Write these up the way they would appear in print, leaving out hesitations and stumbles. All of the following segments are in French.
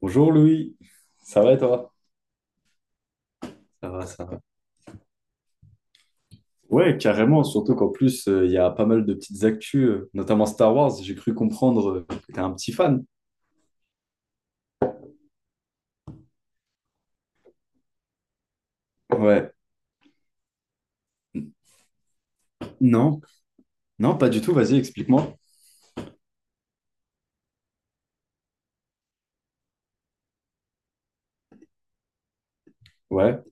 Bonjour Louis, ça va et toi? Ça va, ça va. Ouais, carrément, surtout qu'en plus, il y a pas mal de petites actus, notamment Star Wars, j'ai cru comprendre que t'es un petit fan. Ouais. Non, non, pas du tout, vas-y, explique-moi. Ouais.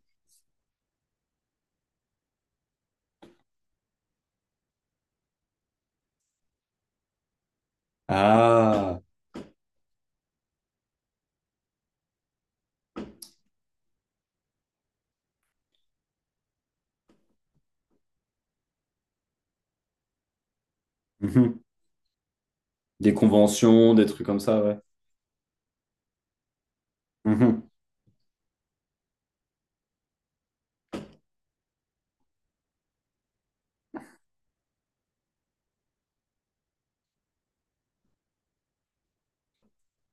Ah, mhm. Des conventions, des trucs comme ça, ouais. Mhm.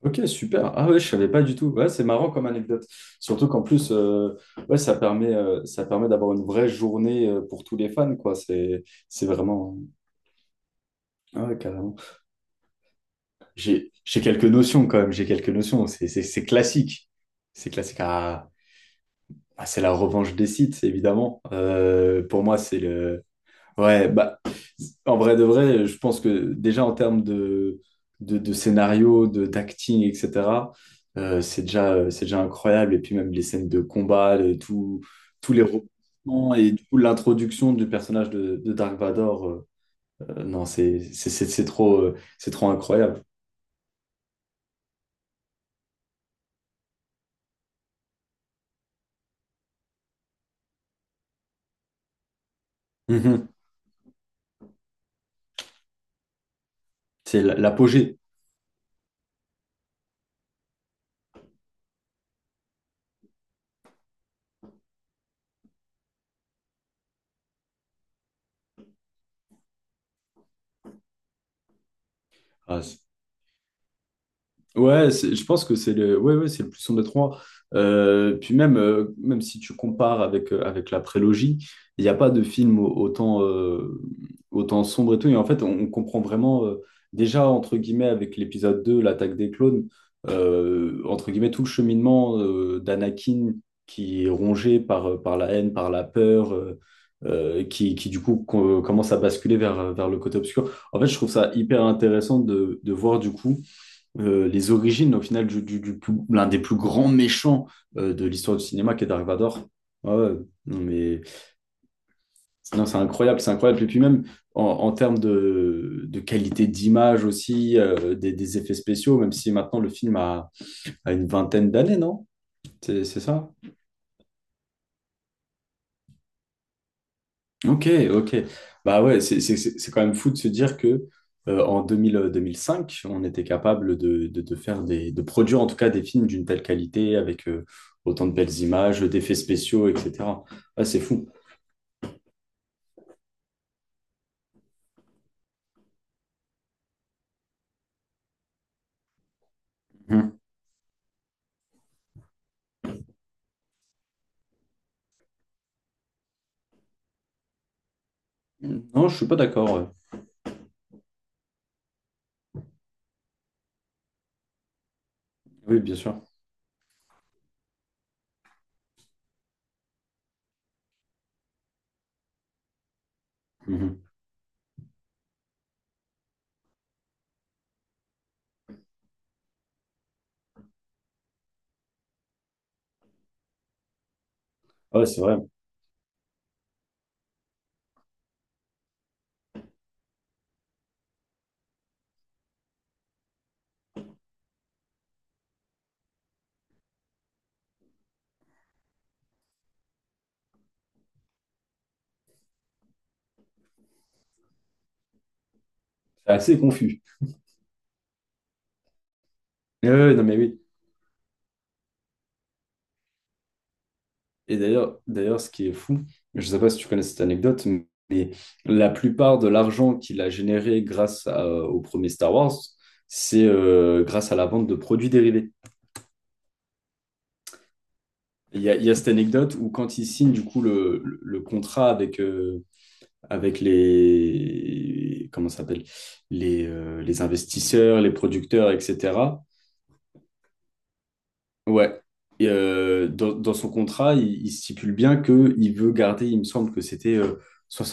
Ok, super. Ah ouais, je savais pas du tout. Ouais, c'est marrant comme anecdote. Surtout qu'en plus, ouais, ça permet, d'avoir une vraie journée pour tous les fans, quoi. C'est vraiment... Ah ouais, carrément. J'ai quelques notions quand même, j'ai quelques notions. C'est classique. C'est classique. Ah, c'est la revanche des Sith évidemment. Pour moi, c'est le. Ouais, bah, en vrai de vrai, je pense que déjà en termes de, de scénario, d'acting, etc., c'est déjà incroyable. Et puis même les scènes de combat, tous les rebondissements et du coup, l'introduction du personnage de Dark Vador, non, c'est trop, incroyable. Mhm. C'est l'apogée. Ah, ouais, je pense que c'est le, ouais, ouais, c'est le plus sombre des trois. Puis même si tu compares avec, avec la prélogie, il n'y a pas de film autant sombre et tout. Et en fait, on comprend vraiment, déjà, entre guillemets, avec l'épisode 2, l'attaque des clones, entre guillemets, tout le cheminement d'Anakin qui est rongé par, par la haine, par la peur, qui, commence à basculer vers, le côté obscur. En fait, je trouve ça hyper intéressant de, voir du coup les origines, au final, l'un des plus grands méchants de l'histoire du cinéma, qui est Dark Vador. Ouais, ouais. Non, mais non, c'est incroyable, c'est incroyable. Et puis même en, termes de, qualité d'image aussi, des, effets spéciaux, même si maintenant le film a, une vingtaine d'années, non? C'est ça? Ok, ok. Bah ouais, c'est quand même fou de se dire que en 2000, 2005, on était capable de, de faire de produire en tout cas des films d'une telle qualité avec autant de belles images, d'effets spéciaux, etc. Ah, c'est fou. Mhm. Non, je suis pas d'accord. Ouais. Oui, bien sûr. Mhm. Ouais, c'est vrai. C'est assez confus. Non, mais oui. Et d'ailleurs, ce qui est fou, je ne sais pas si tu connais cette anecdote, mais la plupart de l'argent qu'il a généré au premier Star Wars, c'est grâce à la vente de produits dérivés. Il y a cette anecdote où quand il signe du coup le, le contrat avec, avec les, comment ça s'appelle, les, les investisseurs, les producteurs, etc., Ouais. Et, dans, son contrat, il, stipule bien qu'il veut garder, il me semble que c'était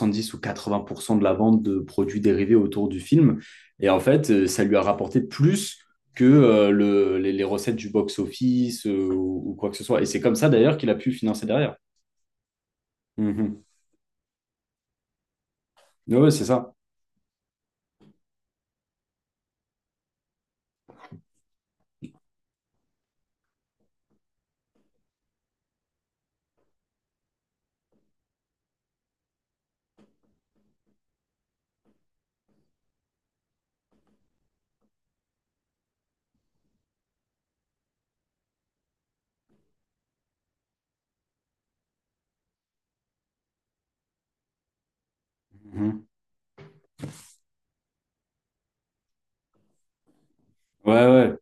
10 ou 80% de la vente de produits dérivés autour du film. Et en fait, ça lui a rapporté plus que les recettes du box-office ou, quoi que ce soit. Et c'est comme ça d'ailleurs qu'il a pu financer derrière. Mhm. Ouais, c'est ça. Mhm. Ouais, ouais.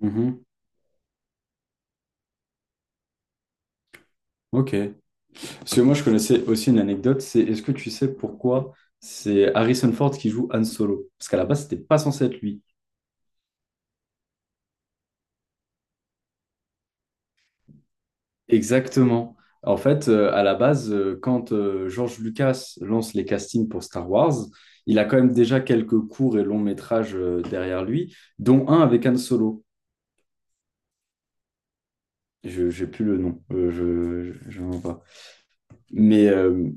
Mhm. Ok. Parce que moi, je connaissais aussi une anecdote, c'est est-ce que tu sais pourquoi c'est Harrison Ford qui joue Han Solo? Parce qu'à la base, c'était pas censé être lui. Exactement. En fait, à la base, quand George Lucas lance les castings pour Star Wars, il a quand même déjà quelques courts et longs métrages derrière lui, dont un avec Han Solo. Je n'ai plus le nom, je n'en vois pas. Mais, euh,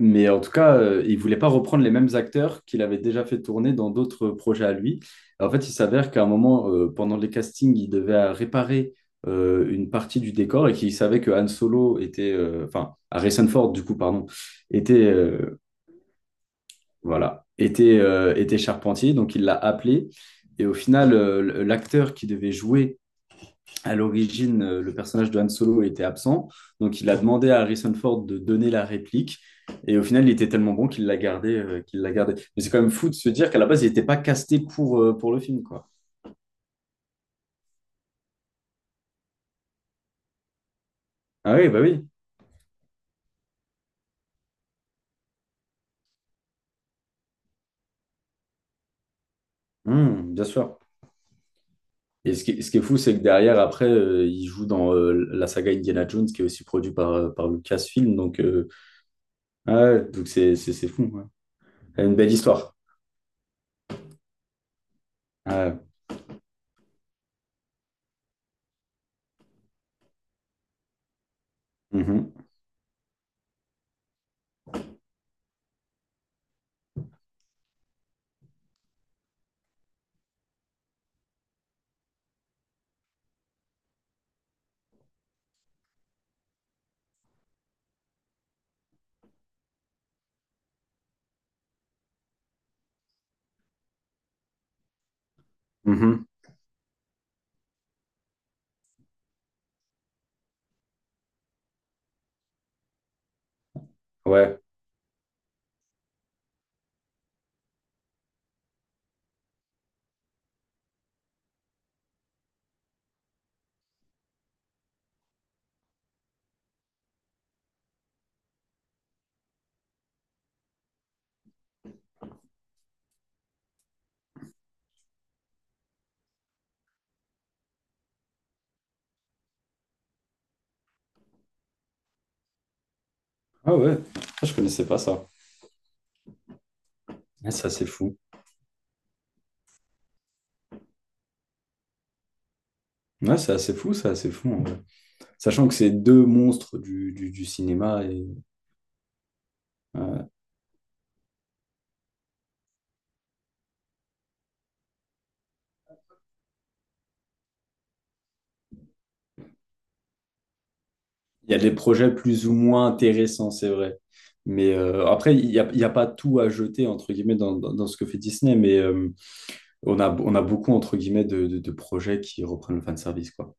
Mais en tout cas, il voulait pas reprendre les mêmes acteurs qu'il avait déjà fait tourner dans d'autres projets à lui. En fait, il s'avère qu'à un moment, pendant les castings, il devait réparer une partie du décor et qu'il savait que Han Solo était, enfin, Harrison Ford, du coup, pardon, était, voilà, était, était charpentier. Donc, il l'a appelé. Et au final, l'acteur qui devait jouer à l'origine, le personnage de Han Solo était absent, donc il a demandé à Harrison Ford de donner la réplique, et au final, il était tellement bon qu'il l'a gardé, Mais c'est quand même fou de se dire qu'à la base, il n'était pas casté pour, pour le film, quoi. Ah oui, bah oui, hum, bien sûr. Et est ce qui est fou, c'est que derrière, après, il joue dans la saga Indiana Jones, qui est aussi produit par, par Lucasfilm, donc ah ouais, donc c'est fou, ouais. C'est une belle histoire. Ah. Ouais. Mhm. Mhm. Ouais. Ah ouais, ah, je connaissais pas ça. Ah, ça, c'est fou. Ouais, c'est assez fou, c'est assez fou, en vrai. Sachant que c'est deux monstres du cinéma, et euh, il y a des projets plus ou moins intéressants, c'est vrai. Mais après, il y a pas tout à jeter, entre guillemets, dans, dans ce que fait Disney. Mais on a beaucoup, entre guillemets, de, de projets qui reprennent le fanservice, quoi.